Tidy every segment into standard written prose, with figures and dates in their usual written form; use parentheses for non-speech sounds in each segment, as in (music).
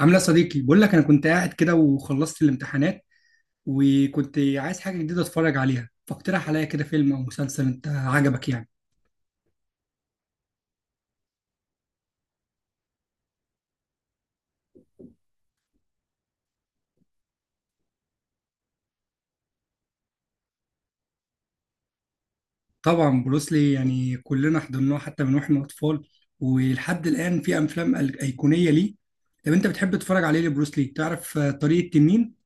عامله يا صديقي، بقول لك انا كنت قاعد كده وخلصت الامتحانات، وكنت عايز حاجه جديده اتفرج عليها. فاقترح عليا كده فيلم او مسلسل انت عجبك يعني. طبعا بروسلي، يعني كلنا حضرناه حتى من واحنا اطفال، ولحد الان في افلام ايقونيه ليه. طب انت بتحب تتفرج عليه لبروسلي؟ تعرف طريق التنين؟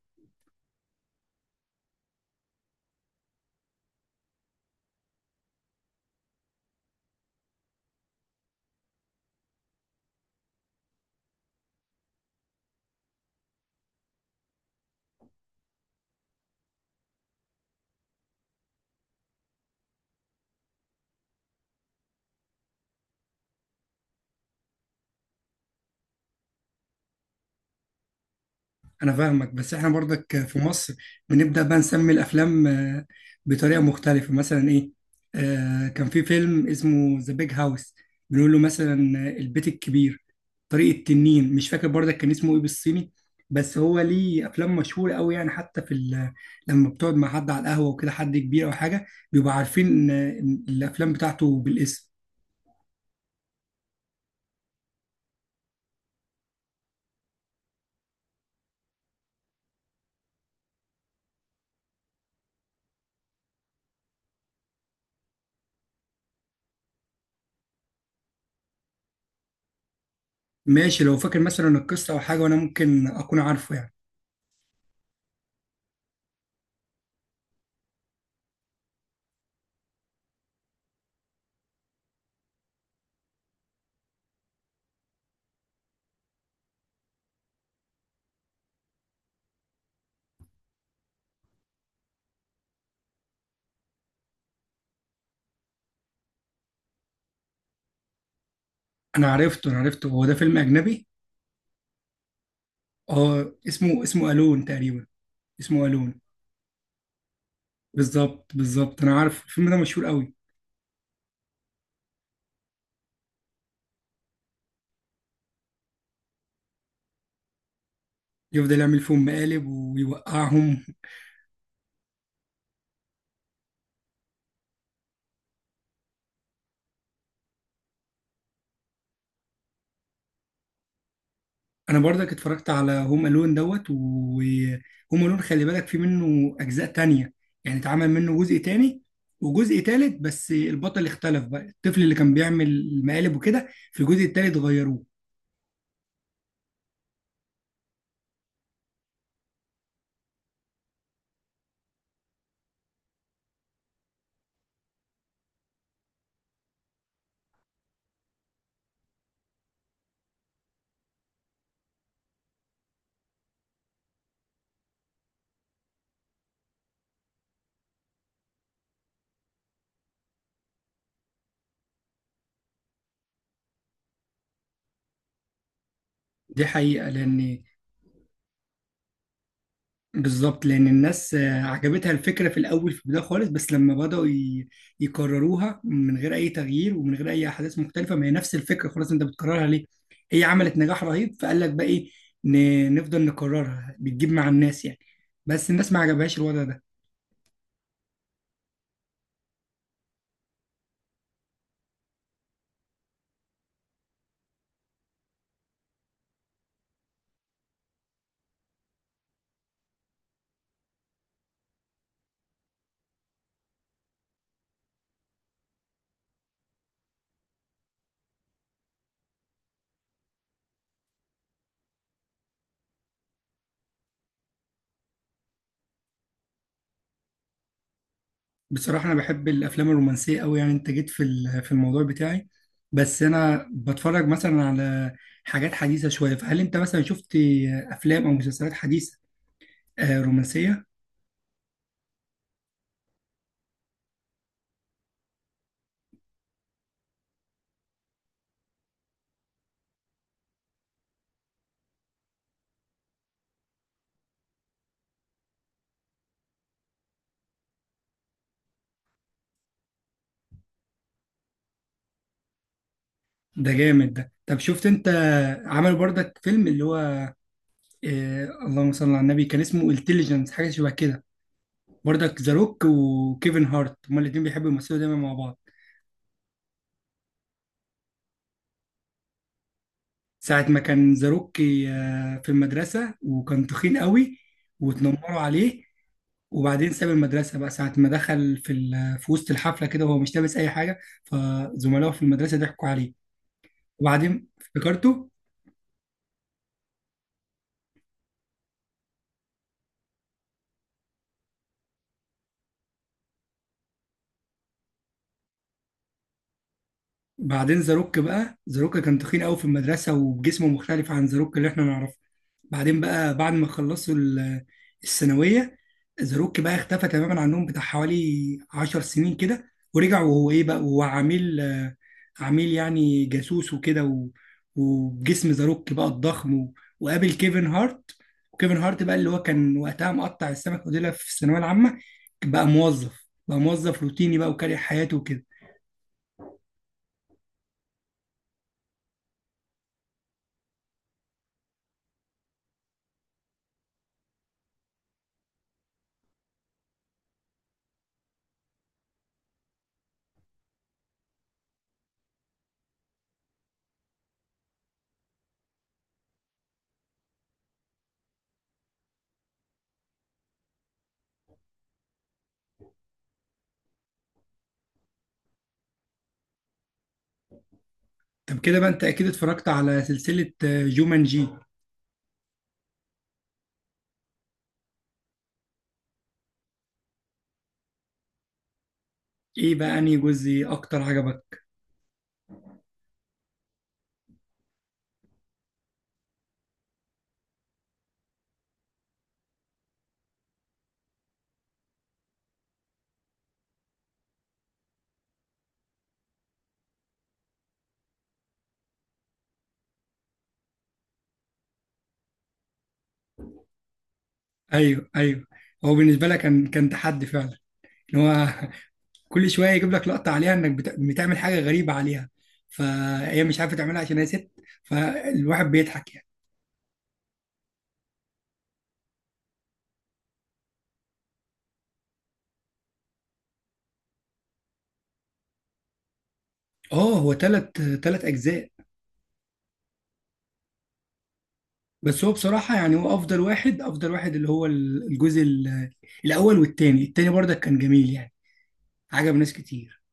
انا فاهمك، بس احنا برضك في مصر بنبدا بقى نسمي الافلام بطريقه مختلفه. مثلا ايه؟ آه كان في فيلم اسمه ذا بيج هاوس، بنقول له مثلا البيت الكبير. طريق التنين مش فاكر برضك كان اسمه ايه بالصيني، بس هو ليه افلام مشهوره قوي يعني، حتى لما بتقعد مع حد على القهوه وكده، حد كبير او حاجه، بيبقوا عارفين الافلام بتاعته بالاسم. ماشي، لو فاكر مثلا القصه او حاجه وانا ممكن اكون عارفه يعني. انا عرفته، هو ده فيلم اجنبي. اه اسمه الون تقريبا. اسمه الون. بالظبط، انا عارف الفيلم ده مشهور قوي. يفضل يعمل فيهم مقالب ويوقعهم. انا برضك اتفرجت على هوم الون دوت، وهوم الون خلي بالك في منه اجزاء تانية، يعني اتعمل منه جزء تاني وجزء تالت، بس البطل اختلف بقى. الطفل اللي كان بيعمل المقالب وكده، في الجزء التالت غيروه. دي حقيقة، لان بالظبط، لان الناس عجبتها الفكره في الاول، في البدايه خالص، بس لما بداوا يكرروها من غير اي تغيير ومن غير اي احداث مختلفه، ما هي نفس الفكره، خلاص انت بتكررها ليه؟ هي عملت نجاح رهيب، فقال لك بقى ايه، نفضل نكررها بتجيب مع الناس يعني. بس الناس ما عجبهاش الوضع ده. بصراحه انا بحب الافلام الرومانسيه قوي، يعني انت جيت في الموضوع بتاعي. بس انا بتفرج مثلا على حاجات حديثه شويه. فهل انت مثلا شفت افلام او مسلسلات حديثه رومانسيه؟ ده جامد ده. طب شفت انت عملوا برضك فيلم اللي هو إيه، اللهم صل على النبي، كان اسمه انتليجنس حاجه شبه كده؟ برضك ذا روك وكيفن هارت هما الاتنين بيحبوا يمثلوا دايما مع بعض. ساعه ما كان ذا روك في المدرسه وكان تخين قوي، واتنمروا عليه. وبعدين ساب المدرسه بقى. ساعه ما دخل في وسط الحفله كده وهو مش لابس اي حاجه، فزملائه في المدرسه ضحكوا عليه. وبعدين افتكرته. بعدين زاروك كان تخين قوي في المدرسه، وجسمه مختلف عن زاروك اللي احنا نعرفه. بعدين بقى بعد ما خلصوا الثانويه، زاروك بقى اختفى تماما عنهم بتاع حوالي 10 سنين كده، ورجع وهو ايه بقى، وهو عميل، عميل يعني جاسوس وكده، وبجسم زاروك بقى الضخم، وقابل كيفن هارت. وكيفن هارت بقى اللي هو كان وقتها مقطع السمك وديلها في الثانويه العامه، بقى موظف، بقى موظف روتيني بقى، وكاره حياته وكده. طب كده بقى انت اكيد اتفرجت على سلسلة جومانجي. ايه بقى انهي جزء اكتر عجبك؟ ايوه ايوه، هو بالنسبة لك كان كان تحدي فعلا، ان هو (laughs) كل شوية يجيب لك لقطة عليها انك بتعمل حاجة غريبة عليها، فهي مش عارفة تعملها عشان هي ست، فالواحد بيضحك يعني. اه هو تلت اجزاء. بس هو بصراحة يعني هو افضل واحد، اللي هو الجزء الاول والتاني. التاني برضك كان جميل يعني، عجب ناس كتير.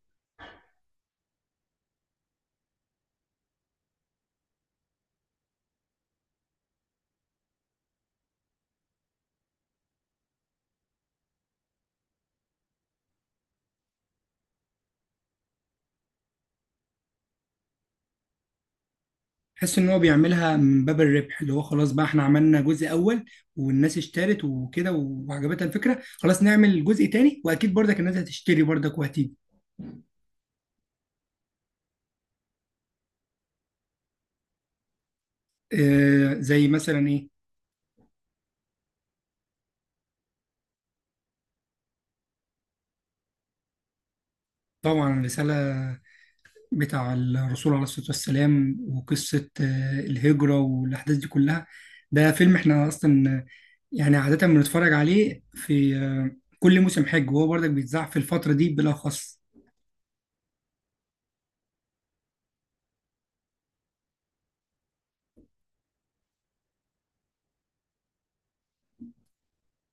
تحس ان هو بيعملها من باب الربح، اللي هو خلاص بقى احنا عملنا جزء اول والناس اشترت وكده وعجبتها الفكره، خلاص نعمل جزء تاني واكيد برضك الناس هتشتري برضك وهتيجي. آه زي مثلا ايه؟ طبعا الرساله، بتاع الرسول عليه الصلاه والسلام، وقصه آه الهجره والاحداث دي كلها. ده فيلم احنا اصلا يعني عاده بنتفرج عليه في آه كل موسم حج، وهو برضك بيتذاع في الفتره دي بالاخص.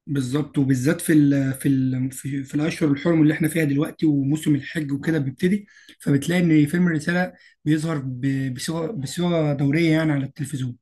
بالظبط، وبالذات في الاشهر الحرم اللي احنا فيها دلوقتي، وموسم الحج وكده بيبتدي، فبتلاقي ان فيلم الرساله بيظهر بصيغه دوريه يعني على التلفزيون.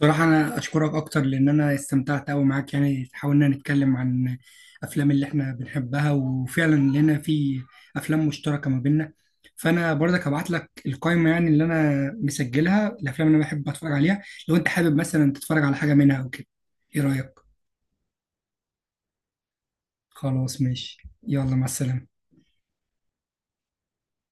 صراحه انا اشكرك اكتر، لان انا استمتعت قوي معاك يعني. حاولنا نتكلم عن افلام اللي احنا بنحبها، وفعلا لنا في افلام مشتركه ما بيننا، فانا برضك هبعت لك القائمه يعني اللي انا مسجلها الافلام اللي انا بحب اتفرج عليها، لو انت حابب مثلا تتفرج على حاجه منها او كده. ايه رايك؟ خلاص ماشي، يلا مع السلامة.